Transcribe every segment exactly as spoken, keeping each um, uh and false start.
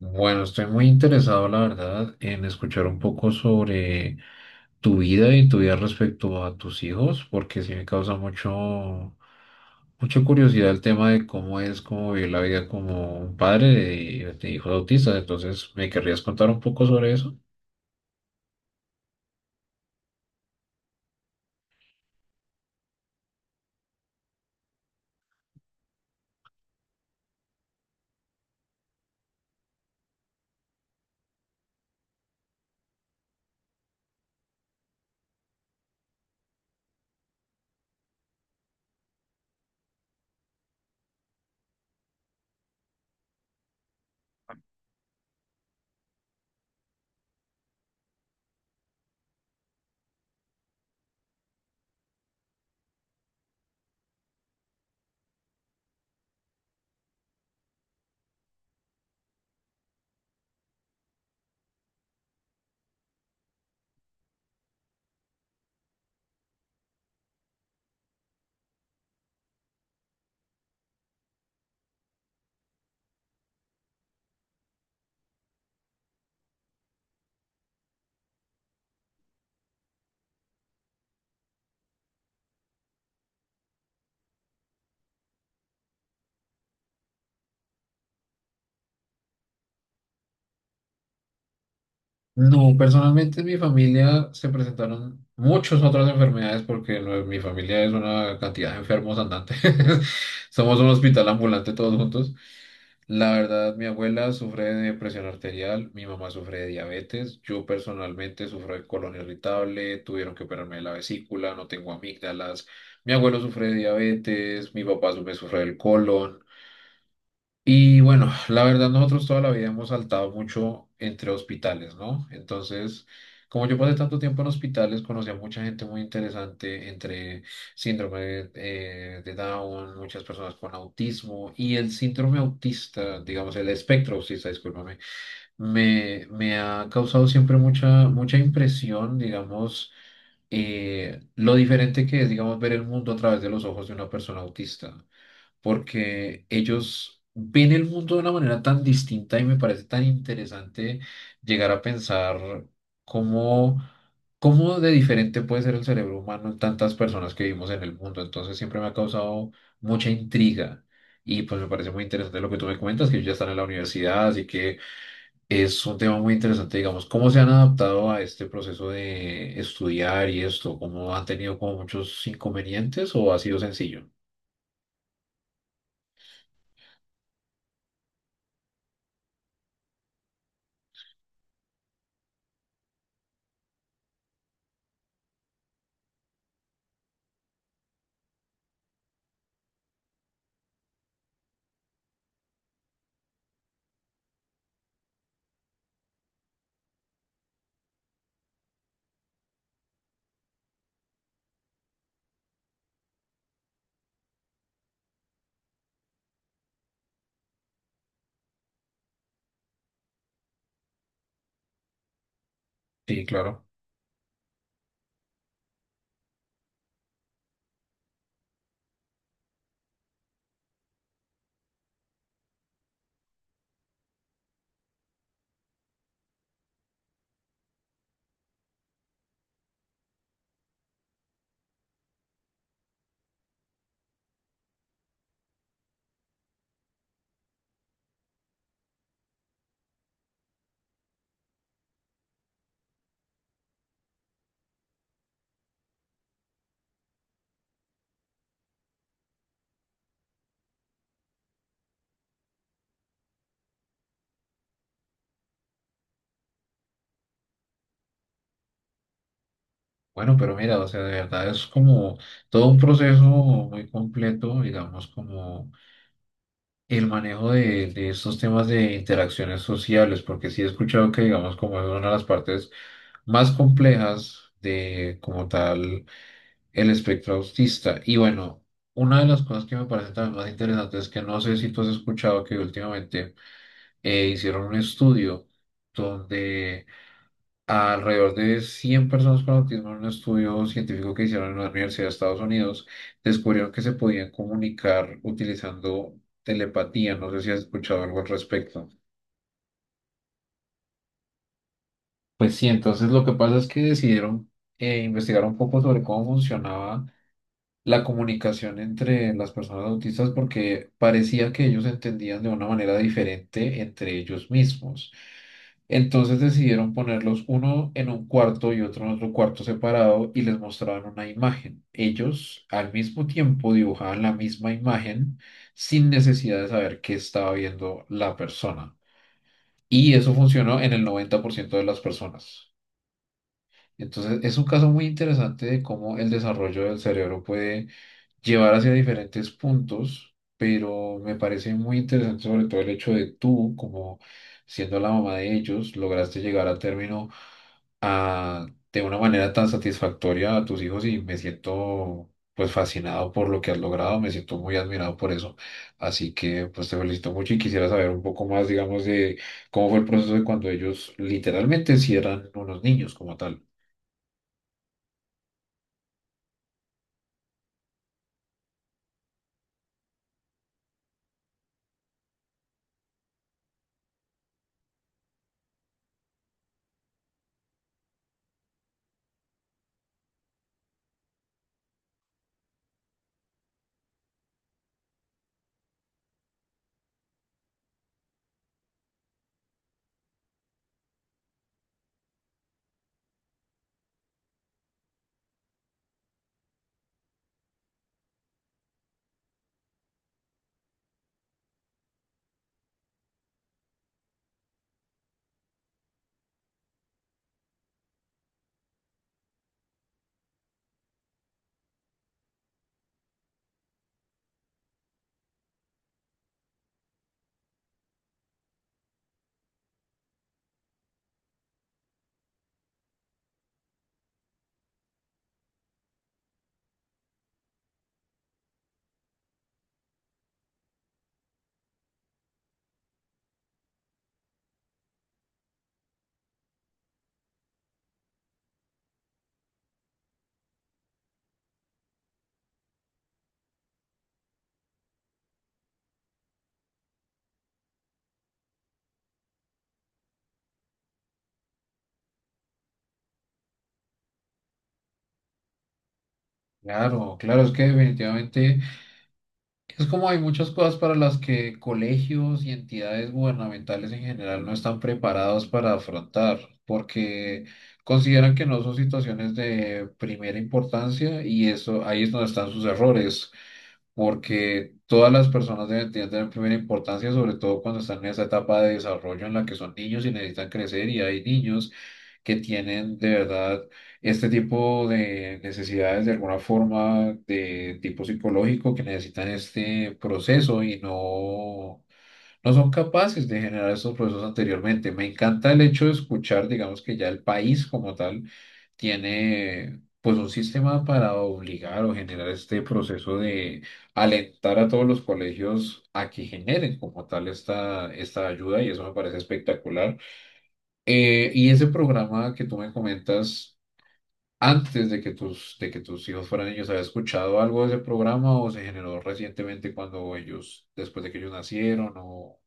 Bueno, estoy muy interesado, la verdad, en escuchar un poco sobre tu vida y tu vida respecto a tus hijos, porque sí me causa mucho, mucha curiosidad el tema de cómo es, cómo vivir la vida como un padre de, de hijos autistas. Entonces, ¿me querrías contar un poco sobre eso? No, personalmente en mi familia se presentaron muchas otras enfermedades porque lo- mi familia es una cantidad de enfermos andantes. Somos un hospital ambulante todos juntos. La verdad, mi abuela sufre de presión arterial, mi mamá sufre de diabetes, yo personalmente sufro de colon irritable, tuvieron que operarme de la vesícula, no tengo amígdalas, mi abuelo sufre de diabetes, mi papá su- me sufre del colon. Y bueno, la verdad nosotros toda la vida hemos saltado mucho entre hospitales, ¿no? Entonces, como yo pasé tanto tiempo en hospitales, conocí a mucha gente muy interesante entre síndrome eh, de Down, muchas personas con autismo y el síndrome autista, digamos, el espectro autista, discúlpame, me, me ha causado siempre mucha, mucha impresión, digamos, eh, lo diferente que es, digamos, ver el mundo a través de los ojos de una persona autista porque ellos ven el mundo de una manera tan distinta y me parece tan interesante llegar a pensar cómo, cómo de diferente puede ser el cerebro humano en tantas personas que vivimos en el mundo. Entonces siempre me ha causado mucha intriga y pues me parece muy interesante lo que tú me comentas, que ellos ya están en la universidad, así que es un tema muy interesante, digamos, cómo se han adaptado a este proceso de estudiar y esto, cómo han tenido como muchos inconvenientes o ha sido sencillo. Sí, claro. Bueno, pero mira, o sea, de verdad es como todo un proceso muy completo, digamos, como el manejo de, de estos temas de interacciones sociales, porque sí he escuchado que, digamos, como es una de las partes más complejas de, como tal, el espectro autista. Y bueno, una de las cosas que me parece también más interesante es que no sé si tú has escuchado que últimamente eh, hicieron un estudio donde alrededor de cien personas con autismo en un estudio científico que hicieron en una universidad de Estados Unidos descubrieron que se podían comunicar utilizando telepatía. No sé si has escuchado algo al respecto. Pues sí, entonces lo que pasa es que decidieron eh, investigar un poco sobre cómo funcionaba la comunicación entre las personas autistas porque parecía que ellos entendían de una manera diferente entre ellos mismos. Entonces decidieron ponerlos uno en un cuarto y otro en otro cuarto separado y les mostraban una imagen. Ellos al mismo tiempo dibujaban la misma imagen sin necesidad de saber qué estaba viendo la persona. Y eso funcionó en el noventa por ciento de las personas. Entonces es un caso muy interesante de cómo el desarrollo del cerebro puede llevar hacia diferentes puntos, pero me parece muy interesante sobre todo el hecho de tú, como siendo la mamá de ellos, lograste llegar a término a- de una manera tan satisfactoria a tus hijos y me siento pues fascinado por lo que has logrado, me siento muy admirado por eso. Así que pues te felicito mucho y quisiera saber un poco más, digamos, de cómo fue el proceso de cuando ellos literalmente sí eran unos niños como tal. Claro, claro, es que definitivamente es como hay muchas cosas para las que colegios y entidades gubernamentales en general no están preparados para afrontar, porque consideran que no son situaciones de primera importancia y eso ahí es donde están sus errores porque todas las personas deben, deben tener primera importancia, sobre todo cuando están en esa etapa de desarrollo en la que son niños y necesitan crecer y hay niños que tienen de verdad este tipo de necesidades de alguna forma de tipo psicológico que necesitan este proceso y no, no son capaces de generar estos procesos anteriormente. Me encanta el hecho de escuchar, digamos que ya el país como tal tiene pues un sistema para obligar o generar este proceso de alentar a todos los colegios a que generen como tal esta, esta ayuda y eso me parece espectacular. Eh, y ese programa que tú me comentas, antes de que tus, de que tus hijos fueran niños, ¿habías escuchado algo de ese programa o se generó recientemente cuando ellos, después de que ellos nacieron o...?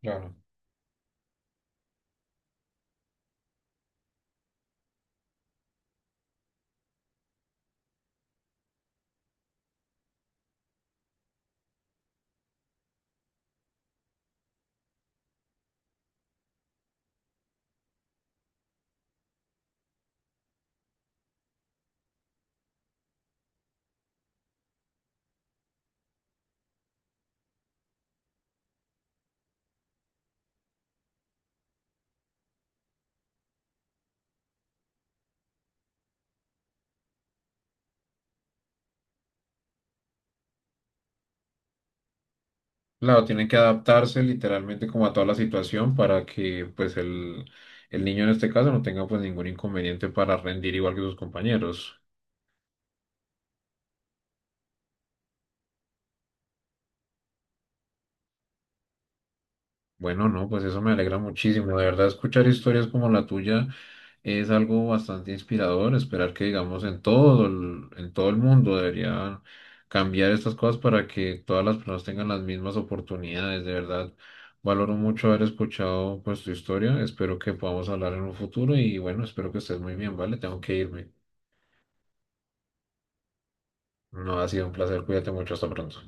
Claro. Claro, tienen que adaptarse literalmente como a toda la situación para que pues el, el niño en este caso no tenga pues ningún inconveniente para rendir igual que sus compañeros. Bueno, no, pues eso me alegra muchísimo. De verdad, escuchar historias como la tuya es algo bastante inspirador esperar que, digamos, en todo el, en todo el mundo deberían cambiar estas cosas para que todas las personas tengan las mismas oportunidades. De verdad, valoro mucho haber escuchado pues tu historia. Espero que podamos hablar en un futuro y bueno, espero que estés muy bien, ¿vale? Tengo que irme. No ha sido un placer. Cuídate mucho. Hasta pronto.